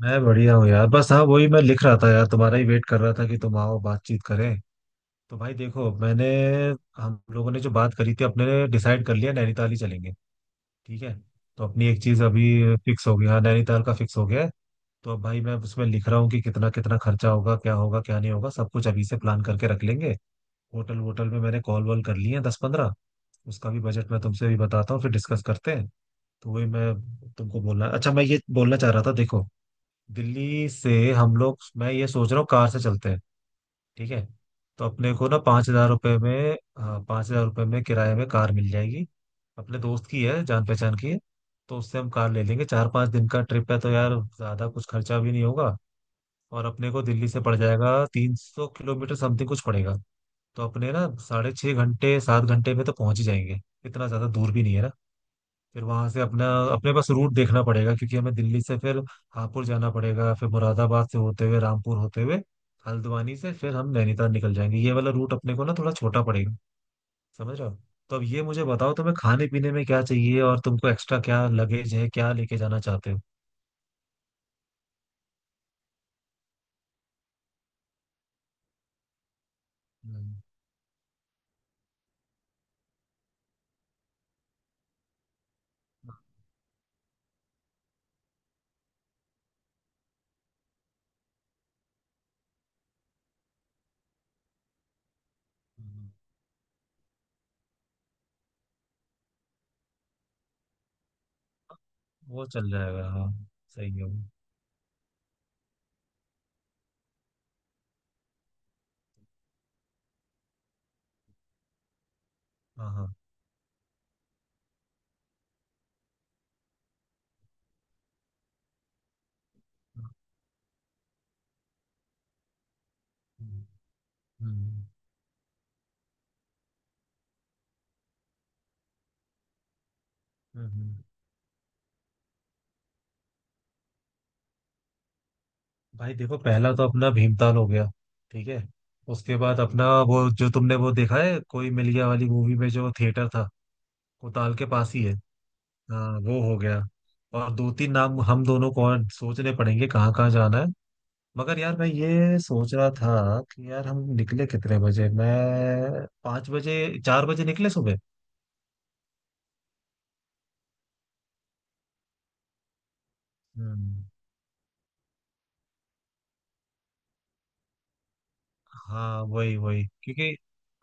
मैं बढ़िया हूँ यार। बस हाँ, वही मैं लिख रहा था यार, तुम्हारा ही वेट कर रहा था कि तुम आओ, बातचीत करें। तो भाई देखो, मैंने हम लोगों ने जो बात करी थी, अपने ने डिसाइड कर लिया नैनीताल ही चलेंगे। ठीक है। तो अपनी एक चीज अभी फिक्स हो गई, हाँ नैनीताल का फिक्स हो गया है। तो अब भाई मैं उसमें लिख रहा हूँ कि कितना कितना खर्चा होगा, क्या होगा क्या नहीं होगा, सब कुछ अभी से प्लान करके रख लेंगे। होटल वोटल में मैंने कॉल वॉल कर लिए हैं दस पंद्रह। उसका भी बजट मैं तुमसे भी बताता हूँ, फिर डिस्कस करते हैं। तो वही मैं तुमको बोलना, अच्छा मैं ये बोलना चाह रहा था, देखो दिल्ली से हम लोग, मैं ये सोच रहा हूँ कार से चलते हैं। ठीक है। तो अपने को ना पाँच हजार रुपये में, हाँ पाँच हजार रुपये में किराए में कार मिल जाएगी। अपने दोस्त की है, जान पहचान की है। तो उससे हम कार ले लेंगे। चार पाँच दिन का ट्रिप है, तो यार ज़्यादा कुछ खर्चा भी नहीं होगा। और अपने को दिल्ली से पड़ जाएगा तीन सौ किलोमीटर समथिंग कुछ पड़ेगा। तो अपने ना साढ़े छः घंटे सात घंटे में तो पहुंच ही जाएंगे। इतना ज़्यादा दूर भी नहीं है ना। फिर वहां से अपना, अपने पास रूट देखना पड़ेगा क्योंकि हमें दिल्ली से फिर हापुड़ जाना पड़ेगा, फिर मुरादाबाद से होते हुए रामपुर होते हुए हल्द्वानी से फिर हम नैनीताल निकल जाएंगे। ये वाला रूट अपने को ना थोड़ा छोटा पड़ेगा। समझ रहे हो। तो अब ये मुझे बताओ तुम्हें खाने पीने में क्या चाहिए और तुमको एक्स्ट्रा क्या लगेज है, क्या लेके जाना चाहते हो। हम्म, हम्म। वो चल जाएगा, हाँ। सही है वो। हाँ हाँ। हम्म हम्म। हम्म, हम्म। भाई देखो, पहला तो अपना भीमताल हो गया। ठीक है। उसके बाद अपना वो जो तुमने वो देखा है, कोई मिल गया वाली मूवी में जो थिएटर था, कोताल के पास ही है। हाँ, वो हो गया। और दो तीन नाम हम दोनों को और सोचने पड़ेंगे कहाँ कहाँ जाना है। मगर यार मैं ये सोच रहा था कि यार हम निकले कितने बजे, मैं पाँच बजे चार बजे निकले सुबह। हम्म। हाँ वही वही क्योंकि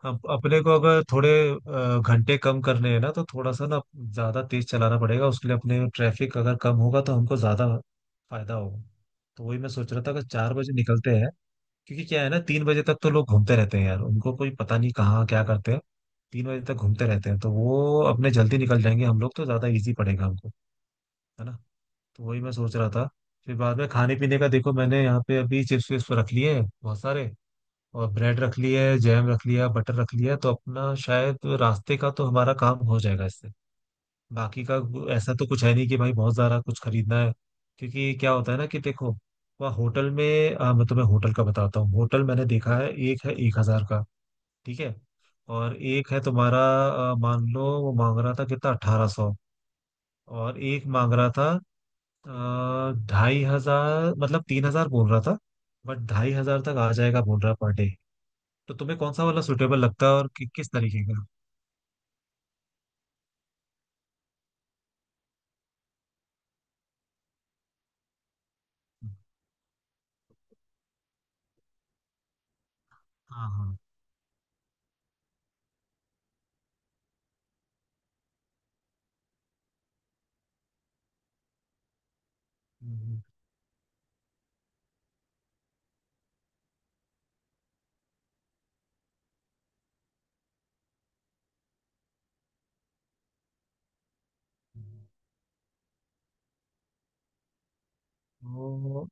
अपने को अगर थोड़े घंटे कम करने हैं ना, तो थोड़ा सा ना ज्यादा तेज चलाना पड़ेगा। उसके लिए अपने ट्रैफिक अगर कम होगा तो हमको ज्यादा फायदा होगा। तो वही मैं सोच रहा था कि चार बजे निकलते हैं। क्योंकि क्या है ना, तीन बजे तक तो लोग घूमते रहते हैं यार, उनको कोई पता नहीं कहाँ क्या करते हैं। तीन बजे तक घूमते रहते हैं, तो वो अपने जल्दी निकल जाएंगे हम लोग, तो ज्यादा इजी पड़ेगा हमको। है ना। तो वही मैं सोच रहा था। फिर बाद में खाने पीने का देखो, मैंने यहाँ पे अभी चिप्स विप्स तो रख लिए हैं बहुत सारे। और ब्रेड रख लिए, जैम रख लिया, बटर रख लिया, तो अपना शायद रास्ते का तो हमारा काम हो जाएगा इससे। बाकी का ऐसा तो कुछ है नहीं कि भाई बहुत सारा कुछ खरीदना है। क्योंकि क्या होता है ना कि देखो वहाँ होटल में मैं तुम्हें होटल का बताता हूँ। होटल मैंने देखा है, एक है एक हजार का। ठीक है। और एक है तुम्हारा, मान लो वो मांग रहा था कितना, अठारह सौ। और एक मांग रहा था ढाई हजार, मतलब तीन हजार बोल रहा था। बट ढाई हजार तक आ जाएगा बोल रहा, पर डे। तो तुम्हें कौन सा वाला सुटेबल लगता है और किस तरीके का। हाँ हाँ। हम्म, हम्म। वो।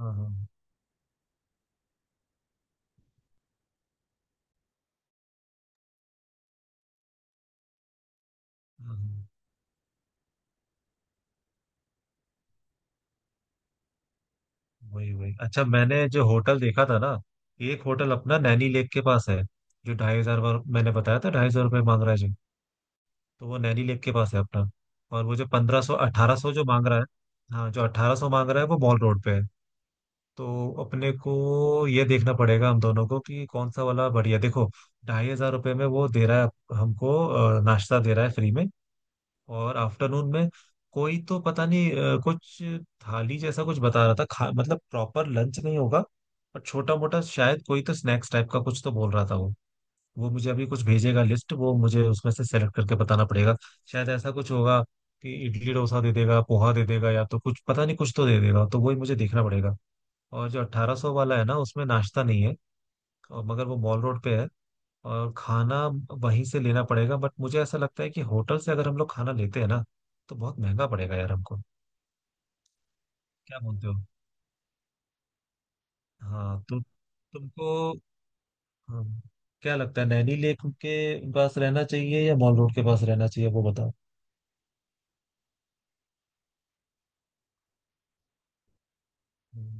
हाँ हाँ। हम्म। वही वही अच्छा, मैंने जो होटल देखा था ना, एक होटल अपना नैनी लेक के पास है, जो ढाई हजार मैंने बताया था ढाई सौ रुपये मांग रहा है जो। तो वो नैनी लेक के पास है अपना। और वो जो पंद्रह सौ अठारह सौ जो मांग रहा है, हाँ जो अठारह सौ मांग रहा है वो मॉल रोड पे है। तो अपने को ये देखना पड़ेगा हम दोनों को कि कौन सा वाला बढ़िया। देखो, ढाई हजार रुपये में वो दे रहा है हमको, नाश्ता दे रहा है फ्री में। और आफ्टरनून में कोई तो पता नहीं, कुछ थाली जैसा कुछ बता रहा था, खा मतलब प्रॉपर लंच नहीं होगा। पर छोटा मोटा शायद कोई तो स्नैक्स टाइप का कुछ तो बोल रहा था वो। वो मुझे अभी कुछ भेजेगा लिस्ट, वो मुझे उसमें से सेलेक्ट करके बताना पड़ेगा। शायद ऐसा कुछ होगा कि इडली डोसा दे देगा, पोहा दे देगा, या तो कुछ पता नहीं कुछ तो दे देगा, तो वही मुझे देखना पड़ेगा। और जो 1800 वाला है ना, उसमें नाश्ता नहीं है। और मगर वो मॉल रोड पे है। और खाना वहीं से लेना पड़ेगा, बट मुझे ऐसा लगता है कि होटल से अगर हम लोग खाना लेते हैं ना, तो बहुत महंगा पड़ेगा यार हमको। क्या बोलते हो। हाँ तो तुमको, हाँ, क्या लगता है, नैनी लेक के पास रहना चाहिए या मॉल रोड के पास रहना चाहिए वो बताओ। हम्म,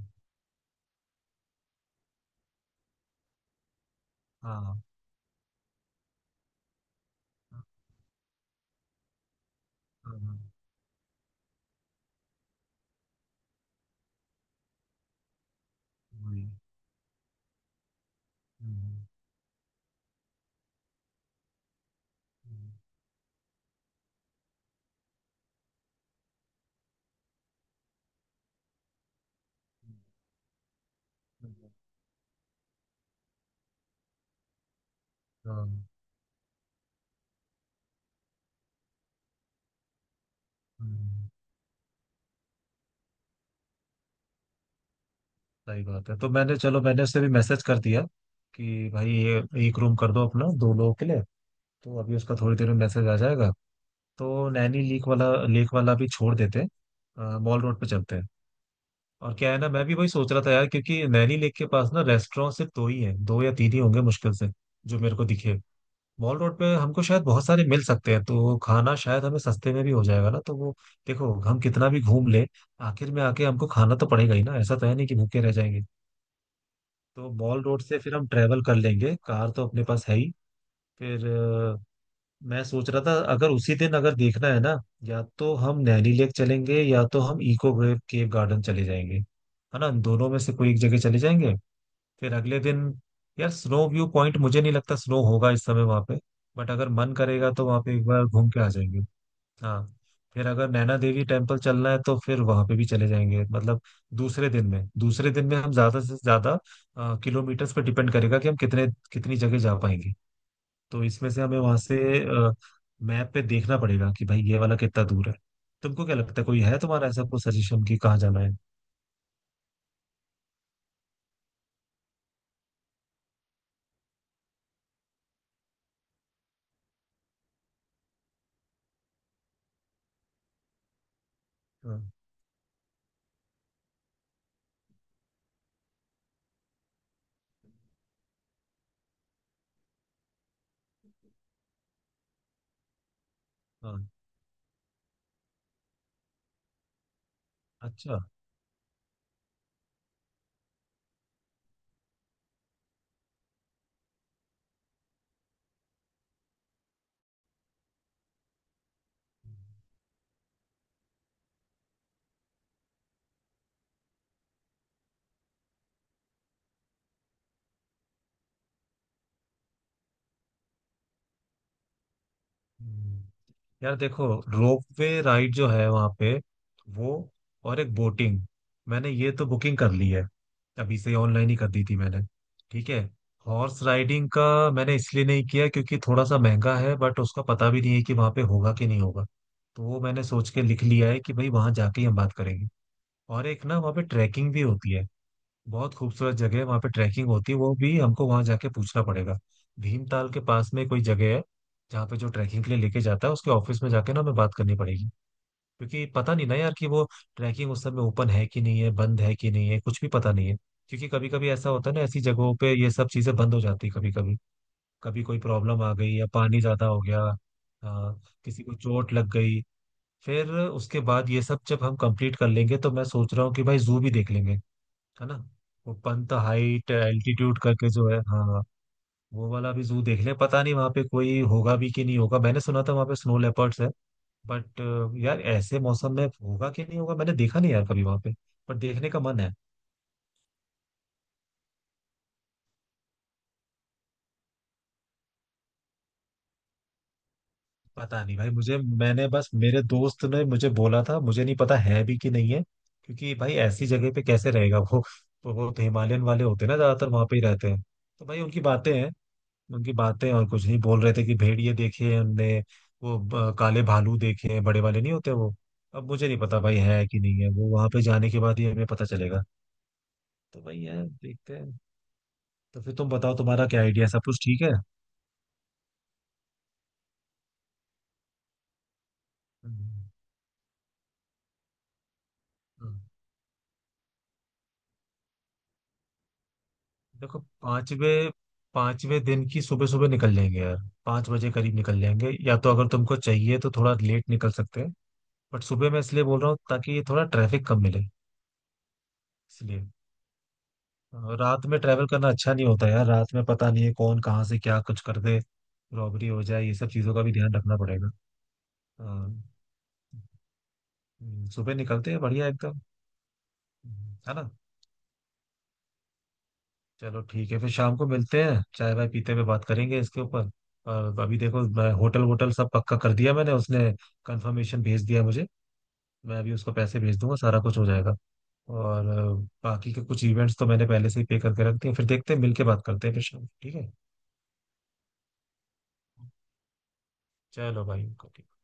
हाँ हाँ हाँ, हाँ, वही। हम्म, हम्म, हम्म, हम्म, हाँ, हम्म। सही बात है। तो मैंने, चलो मैंने उसे भी मैसेज कर दिया कि भाई ये एक रूम कर दो अपना दो लोगों के लिए। तो अभी उसका थोड़ी देर में मैसेज आ जाएगा। तो नैनी लेक वाला, भी छोड़ देते हैं, मॉल रोड पे चलते हैं। और क्या है ना, मैं भी वही सोच रहा था यार, क्योंकि नैनी लेक के पास ना रेस्टोरेंट सिर्फ दो ही हैं, दो या तीन ही होंगे मुश्किल से जो मेरे को दिखे। मॉल रोड पे हमको शायद बहुत सारे मिल सकते हैं, तो खाना शायद हमें सस्ते में भी हो जाएगा ना, तो वो देखो, हम कितना भी घूम ले आखिर में आके हमको खाना तो पड़ेगा ही ना, ऐसा तो है नहीं कि भूखे रह जाएंगे। तो मॉल रोड से फिर हम ट्रेवल कर लेंगे, कार तो अपने पास है ही। फिर मैं सोच रहा था अगर उसी दिन अगर देखना है ना, या तो हम नैनी लेक चलेंगे या तो हम इको केव गार्डन चले जाएंगे। है ना, दोनों में से कोई एक जगह चले जाएंगे। फिर अगले दिन, यार स्नो व्यू पॉइंट मुझे नहीं लगता स्नो होगा इस समय वहां पे। बट अगर मन करेगा तो वहां पे एक बार घूम के आ जाएंगे। हाँ। फिर अगर नैना देवी टेम्पल चलना है तो फिर वहां पे भी चले जाएंगे। मतलब दूसरे दिन में, हम ज्यादा से ज्यादा किलोमीटर्स पे डिपेंड करेगा कि हम कितने, कितनी जगह जा पाएंगे। तो इसमें से हमें वहां से मैप पे देखना पड़ेगा कि भाई ये वाला कितना दूर है। तुमको क्या लगता है, कोई है तुम्हारा ऐसा कोई सजेशन कि कहाँ जाना है। हाँ हाँ। अच्छा। हम्म। यार देखो रोपवे राइड जो है वहां पे, वो और एक बोटिंग, मैंने ये तो बुकिंग कर ली है, अभी से ऑनलाइन ही कर दी थी मैंने। ठीक है। हॉर्स राइडिंग का मैंने इसलिए नहीं किया क्योंकि थोड़ा सा महंगा है, बट उसका पता भी नहीं है कि वहां पे होगा कि नहीं होगा। तो वो मैंने सोच के लिख लिया है कि भाई वहां जाके ही हम बात करेंगे। और एक ना वहाँ पे ट्रैकिंग भी होती है। बहुत खूबसूरत जगह है, वहाँ पे ट्रैकिंग होती है, वो भी हमको वहाँ जाके पूछना पड़ेगा। भीमताल के पास में कोई जगह है जहाँ पे जो ट्रैकिंग के लिए लेके जाता है, उसके ऑफिस में जाके ना हमें बात करनी पड़ेगी। क्योंकि पता नहीं ना यार कि वो ट्रैकिंग उस समय ओपन है कि नहीं है, बंद है कि नहीं है, कुछ भी पता नहीं है। क्योंकि कभी कभी ऐसा होता है ना, ऐसी जगहों पे ये सब चीजें बंद हो जाती है कभी कभी। कभी कोई प्रॉब्लम आ गई या पानी ज्यादा हो गया। हाँ, किसी को चोट लग गई। फिर उसके बाद ये सब जब हम कंप्लीट कर लेंगे तो मैं सोच रहा हूँ कि भाई जू भी देख लेंगे। है ना। ऊपर तो हाइट एल्टीट्यूड करके जो है, हाँ हाँ, वो वाला भी जू देख ले। पता नहीं वहाँ पे कोई होगा भी कि नहीं होगा, मैंने सुना था वहाँ पे स्नो लेपर्ड्स है। बट यार ऐसे मौसम में होगा कि नहीं होगा, मैंने देखा नहीं यार कभी वहाँ पे। पर देखने का मन है। पता नहीं भाई मुझे, मैंने बस, मेरे दोस्त ने मुझे बोला था, मुझे नहीं पता है भी कि नहीं है। क्योंकि भाई ऐसी जगह पे कैसे रहेगा वो। तो वो तो हिमालयन वाले होते हैं ना, ज्यादातर वहाँ पे ही रहते हैं। तो भाई उनकी बातें हैं। उनकी बातें, और कुछ नहीं, बोल रहे थे कि भेड़िए देखे हैं उनने। वो काले भालू देखे हैं, बड़े वाले नहीं होते वो। अब मुझे नहीं पता भाई है कि नहीं है, वो वहां पे जाने के बाद ही हमें पता चलेगा। तो वही है, देखते हैं। तो फिर तुम बताओ तुम्हारा क्या आइडिया है? सब कुछ ठीक है। हम्म, हम्म। देखो, पांचवे पांचवे दिन की सुबह सुबह निकल जाएंगे यार। पांच बजे करीब निकल जाएंगे, या तो अगर तुमको चाहिए तो थोड़ा लेट निकल सकते हैं। बट सुबह मैं इसलिए बोल रहा हूँ ताकि ये थोड़ा ट्रैफिक कम मिले। इसलिए रात में ट्रैवल करना अच्छा नहीं होता यार, रात में पता नहीं है कौन कहाँ से क्या कुछ कर दे, रॉबरी हो जाए, ये सब चीजों का भी ध्यान रखना पड़ेगा। हाँ, सुबह निकलते हैं बढ़िया एकदम। है ना। चलो ठीक है, फिर शाम को मिलते हैं, चाय वाय पीते हुए बात करेंगे इसके ऊपर। और अभी देखो, मैं होटल वोटल सब पक्का कर दिया, मैंने उसने कंफर्मेशन भेज दिया मुझे। मैं अभी उसको पैसे भेज दूंगा, सारा कुछ हो जाएगा। और बाकी के कुछ इवेंट्स तो मैंने पहले से ही पे करके रख दिए, फिर देखते हैं मिल के बात करते हैं फिर शाम को, ठीक है। चलो भाई okay.